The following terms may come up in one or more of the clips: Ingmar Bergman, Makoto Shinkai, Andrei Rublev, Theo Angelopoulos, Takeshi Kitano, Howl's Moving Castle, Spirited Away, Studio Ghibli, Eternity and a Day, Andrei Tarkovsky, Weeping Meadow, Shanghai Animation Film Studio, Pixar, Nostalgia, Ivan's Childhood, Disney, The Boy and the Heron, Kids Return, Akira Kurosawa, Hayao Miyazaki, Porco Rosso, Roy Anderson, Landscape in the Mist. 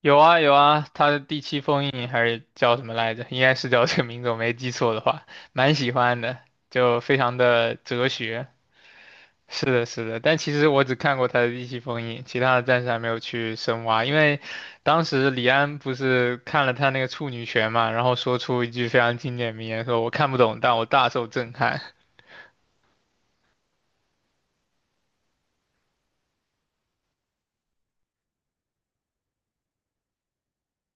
有啊有啊，他的第七封印还是叫什么来着？应该是叫这个名字，我没记错的话，蛮喜欢的，就非常的哲学。是的，是的，但其实我只看过他的第七封印，其他的暂时还没有去深挖，因为当时李安不是看了他那个处女泉嘛，然后说出一句非常经典名言，说我看不懂，但我大受震撼。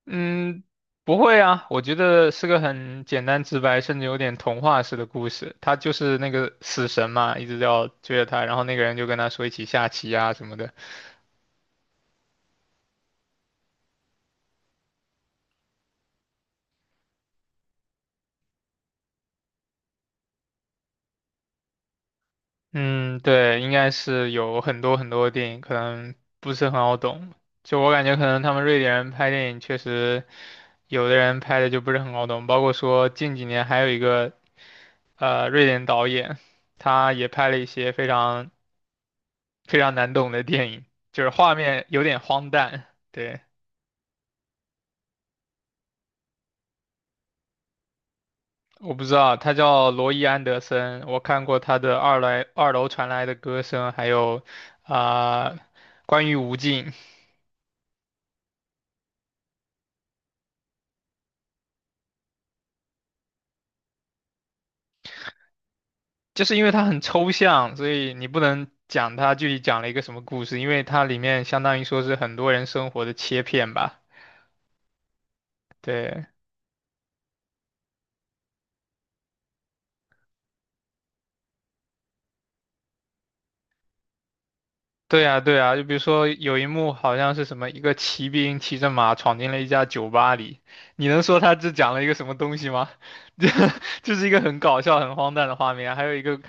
嗯，不会啊，我觉得是个很简单直白，甚至有点童话式的故事。他就是那个死神嘛，一直要追着他，然后那个人就跟他说一起下棋啊什么的。嗯，对，应该是有很多很多电影，可能不是很好懂。就我感觉，可能他们瑞典人拍电影确实，有的人拍的就不是很好懂。包括说近几年还有一个瑞典导演，他也拍了一些非常非常难懂的电影，就是画面有点荒诞。对，我不知道，他叫罗伊·安德森，我看过他的《二来二楼传来的歌声》，还有啊、关于无尽，就是因为它很抽象，所以你不能讲它具体讲了一个什么故事，因为它里面相当于说是很多人生活的切片吧。对，对呀，对呀，就比如说有一幕好像是什么一个骑兵骑着马闯进了一家酒吧里，你能说他只讲了一个什么东西吗？这就是一个很搞笑、很荒诞的画面啊。还有一个，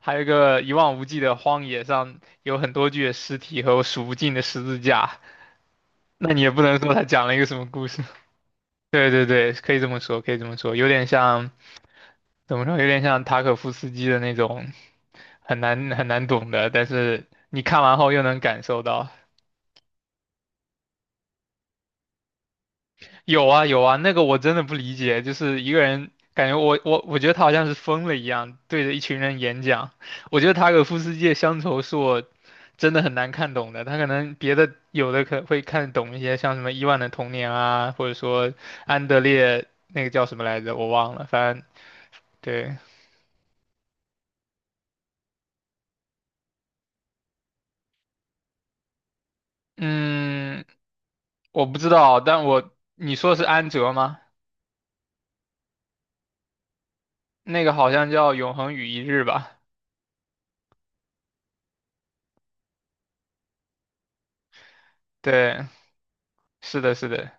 还有一个一望无际的荒野上有很多具的尸体和数不尽的十字架，那你也不能说他讲了一个什么故事。对对对，可以这么说，可以这么说，有点像怎么说，有点像塔可夫斯基的那种很难很难懂的，但是你看完后又能感受到。有啊有啊，那个我真的不理解，就是一个人感觉我觉得他好像是疯了一样，对着一群人演讲。我觉得塔可夫斯基的乡愁是我真的很难看懂的，他可能别的有的可会看得懂一些，像什么伊万的童年啊，或者说安德烈那个叫什么来着，我忘了，反正对，嗯，我不知道，但我你说的是安哲吗？那个好像叫《永恒与一日》吧？对，是的，是的。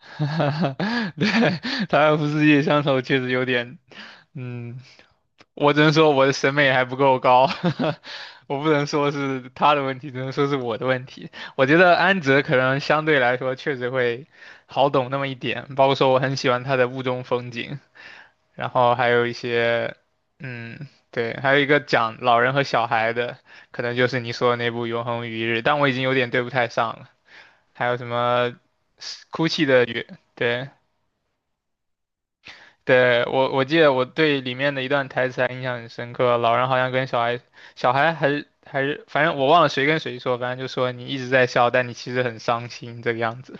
对，他又不是夜乡愁，确实有点，嗯，我只能说我的审美还不够高，我不能说是他的问题，只能说是我的问题。我觉得安哲可能相对来说确实会好懂那么一点，包括说我很喜欢他的雾中风景，然后还有一些，嗯，对，还有一个讲老人和小孩的，可能就是你说的那部《永恒与一日》，但我已经有点对不太上了。还有什么哭泣的雨，对。对，我记得我对里面的一段台词还印象很深刻，老人好像跟小孩，小孩还是，反正我忘了谁跟谁说，反正就说你一直在笑，但你其实很伤心这个样子。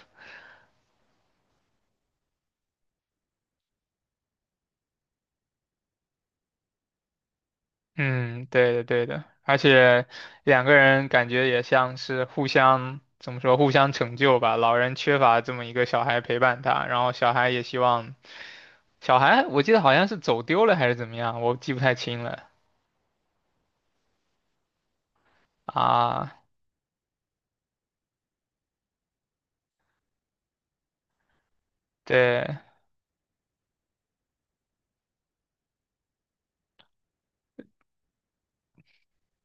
嗯，对的对的，而且两个人感觉也像是互相，怎么说，互相成就吧。老人缺乏这么一个小孩陪伴他，然后小孩也希望，小孩我记得好像是走丢了还是怎么样，我记不太清了啊。对，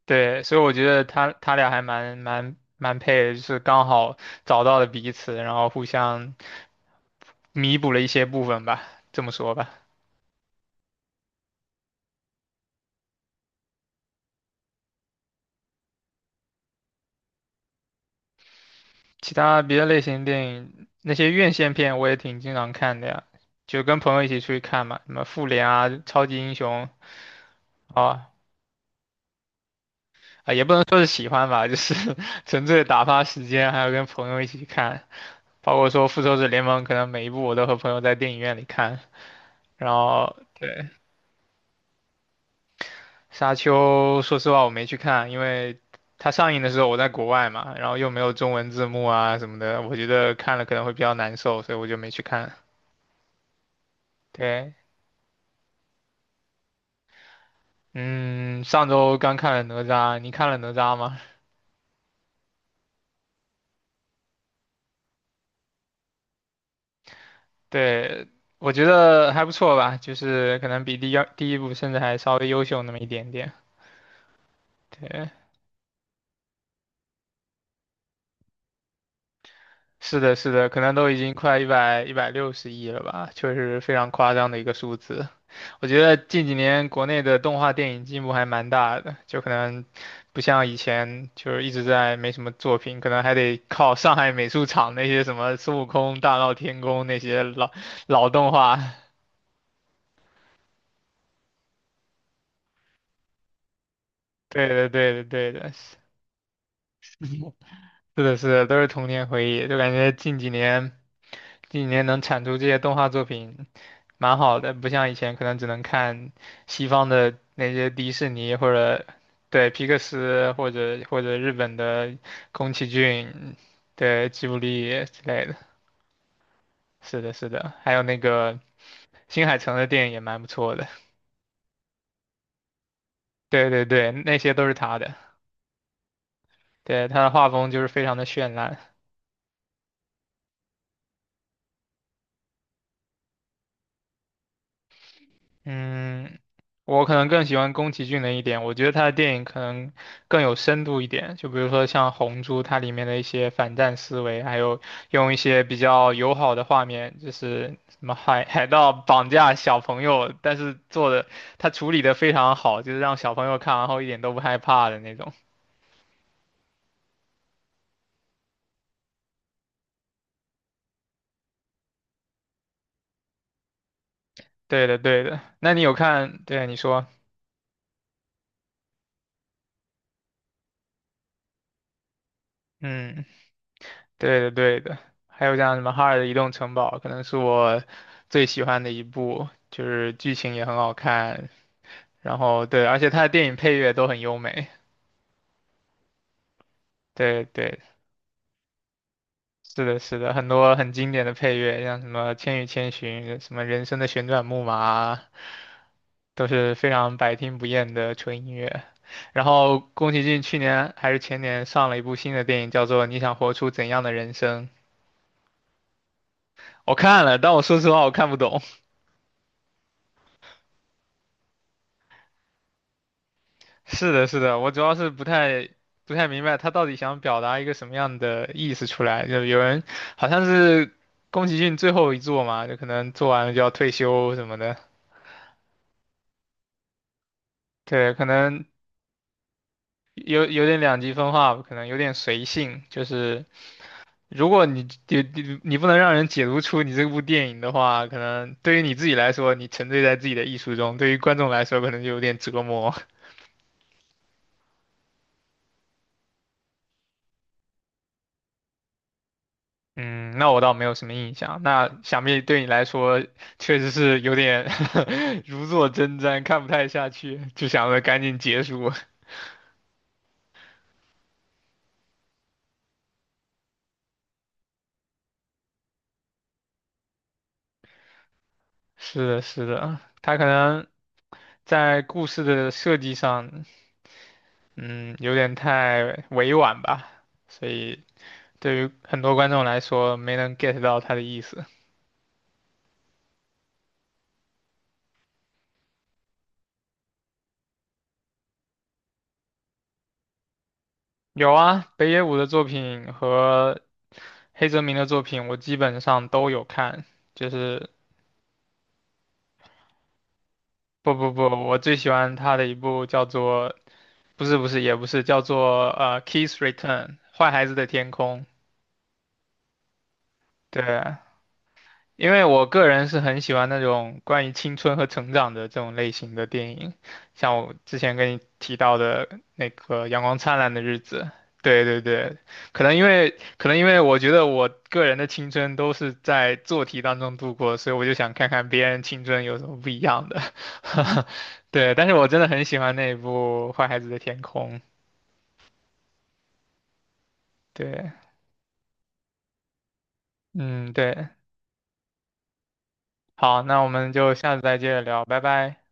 对，所以我觉得他俩还蛮配的，就是刚好找到了彼此，然后互相弥补了一些部分吧，这么说吧。其他别的类型电影，那些院线片我也挺经常看的呀，就跟朋友一起出去看嘛，什么复联啊、超级英雄啊啊，也不能说是喜欢吧，就是 纯粹打发时间，还有跟朋友一起看。包括说复仇者联盟，可能每一部我都和朋友在电影院里看，然后。对。沙丘，说实话我没去看，因为它上映的时候我在国外嘛，然后又没有中文字幕啊什么的，我觉得看了可能会比较难受，所以我就没去看。对，嗯，上周刚看了哪吒，你看了哪吒吗？对，我觉得还不错吧，就是可能比第一部甚至还稍微优秀那么一点点。对，是的，是的，可能都已经快一百六十亿了吧，确实非常夸张的一个数字。我觉得近几年国内的动画电影进步还蛮大的，就可能不像以前就是一直在没什么作品，可能还得靠上海美术厂那些什么孙悟空、大闹天宫那些老动画。对的，对的，对的，是的，是的，都是童年回忆，就感觉近几年近几年能产出这些动画作品，蛮好的，不像以前可能只能看西方的那些迪士尼或者对皮克斯或者日本的宫崎骏，对吉卜力之类的。是的，是的，还有那个新海诚的电影也蛮不错的。对对对，那些都是他的，对，他的画风就是非常的绚烂。嗯，我可能更喜欢宫崎骏的一点，我觉得他的电影可能更有深度一点。就比如说像《红猪》，它里面的一些反战思维，还有用一些比较友好的画面，就是什么海盗绑架小朋友，但是他处理的非常好，就是让小朋友看完后一点都不害怕的那种。对的，对的。那你有看？对，你说，嗯。对的，对的，还有像什么《哈尔的移动城堡》，可能是我最喜欢的一部，就是剧情也很好看，然后对，而且它的电影配乐都很优美。对对，是的，是的，很多很经典的配乐，像什么《千与千寻》、什么《人生的旋转木马》啊都是非常百听不厌的纯音乐。然后宫崎骏去年还是前年上了一部新的电影，叫做《你想活出怎样的人生》，我看了，但我说实话我看不懂。是的，是的，我主要是不太明白他到底想表达一个什么样的意思出来。就有人好像是宫崎骏最后一作嘛，就可能做完了就要退休什么的。对，可能有点两极分化，可能有点随性。就是如果你不能让人解读出你这部电影的话，可能对于你自己来说，你沉醉在自己的艺术中；对于观众来说，可能就有点折磨。嗯，那我倒没有什么印象。那想必对你来说，确实是有点 如坐针毡，看不太下去，就想着赶紧结束。是的，是的，他可能在故事的设计上，嗯，有点太委婉吧，所以对于很多观众来说，没能 get 到他的意思。有啊，北野武的作品和黑泽明的作品，我基本上都有看，就是。不不不，我最喜欢他的一部叫做不是不是，也不是，叫做《Kiss Return》坏孩子的天空。对，因为我个人是很喜欢那种关于青春和成长的这种类型的电影，像我之前跟你提到的那个《阳光灿烂的日子》。对对对，可能因为我觉得我个人的青春都是在做题当中度过，所以我就想看看别人青春有什么不一样的。对，但是我真的很喜欢那一部《坏孩子的天空》。对，嗯，对。好，那我们就下次再接着聊，拜拜。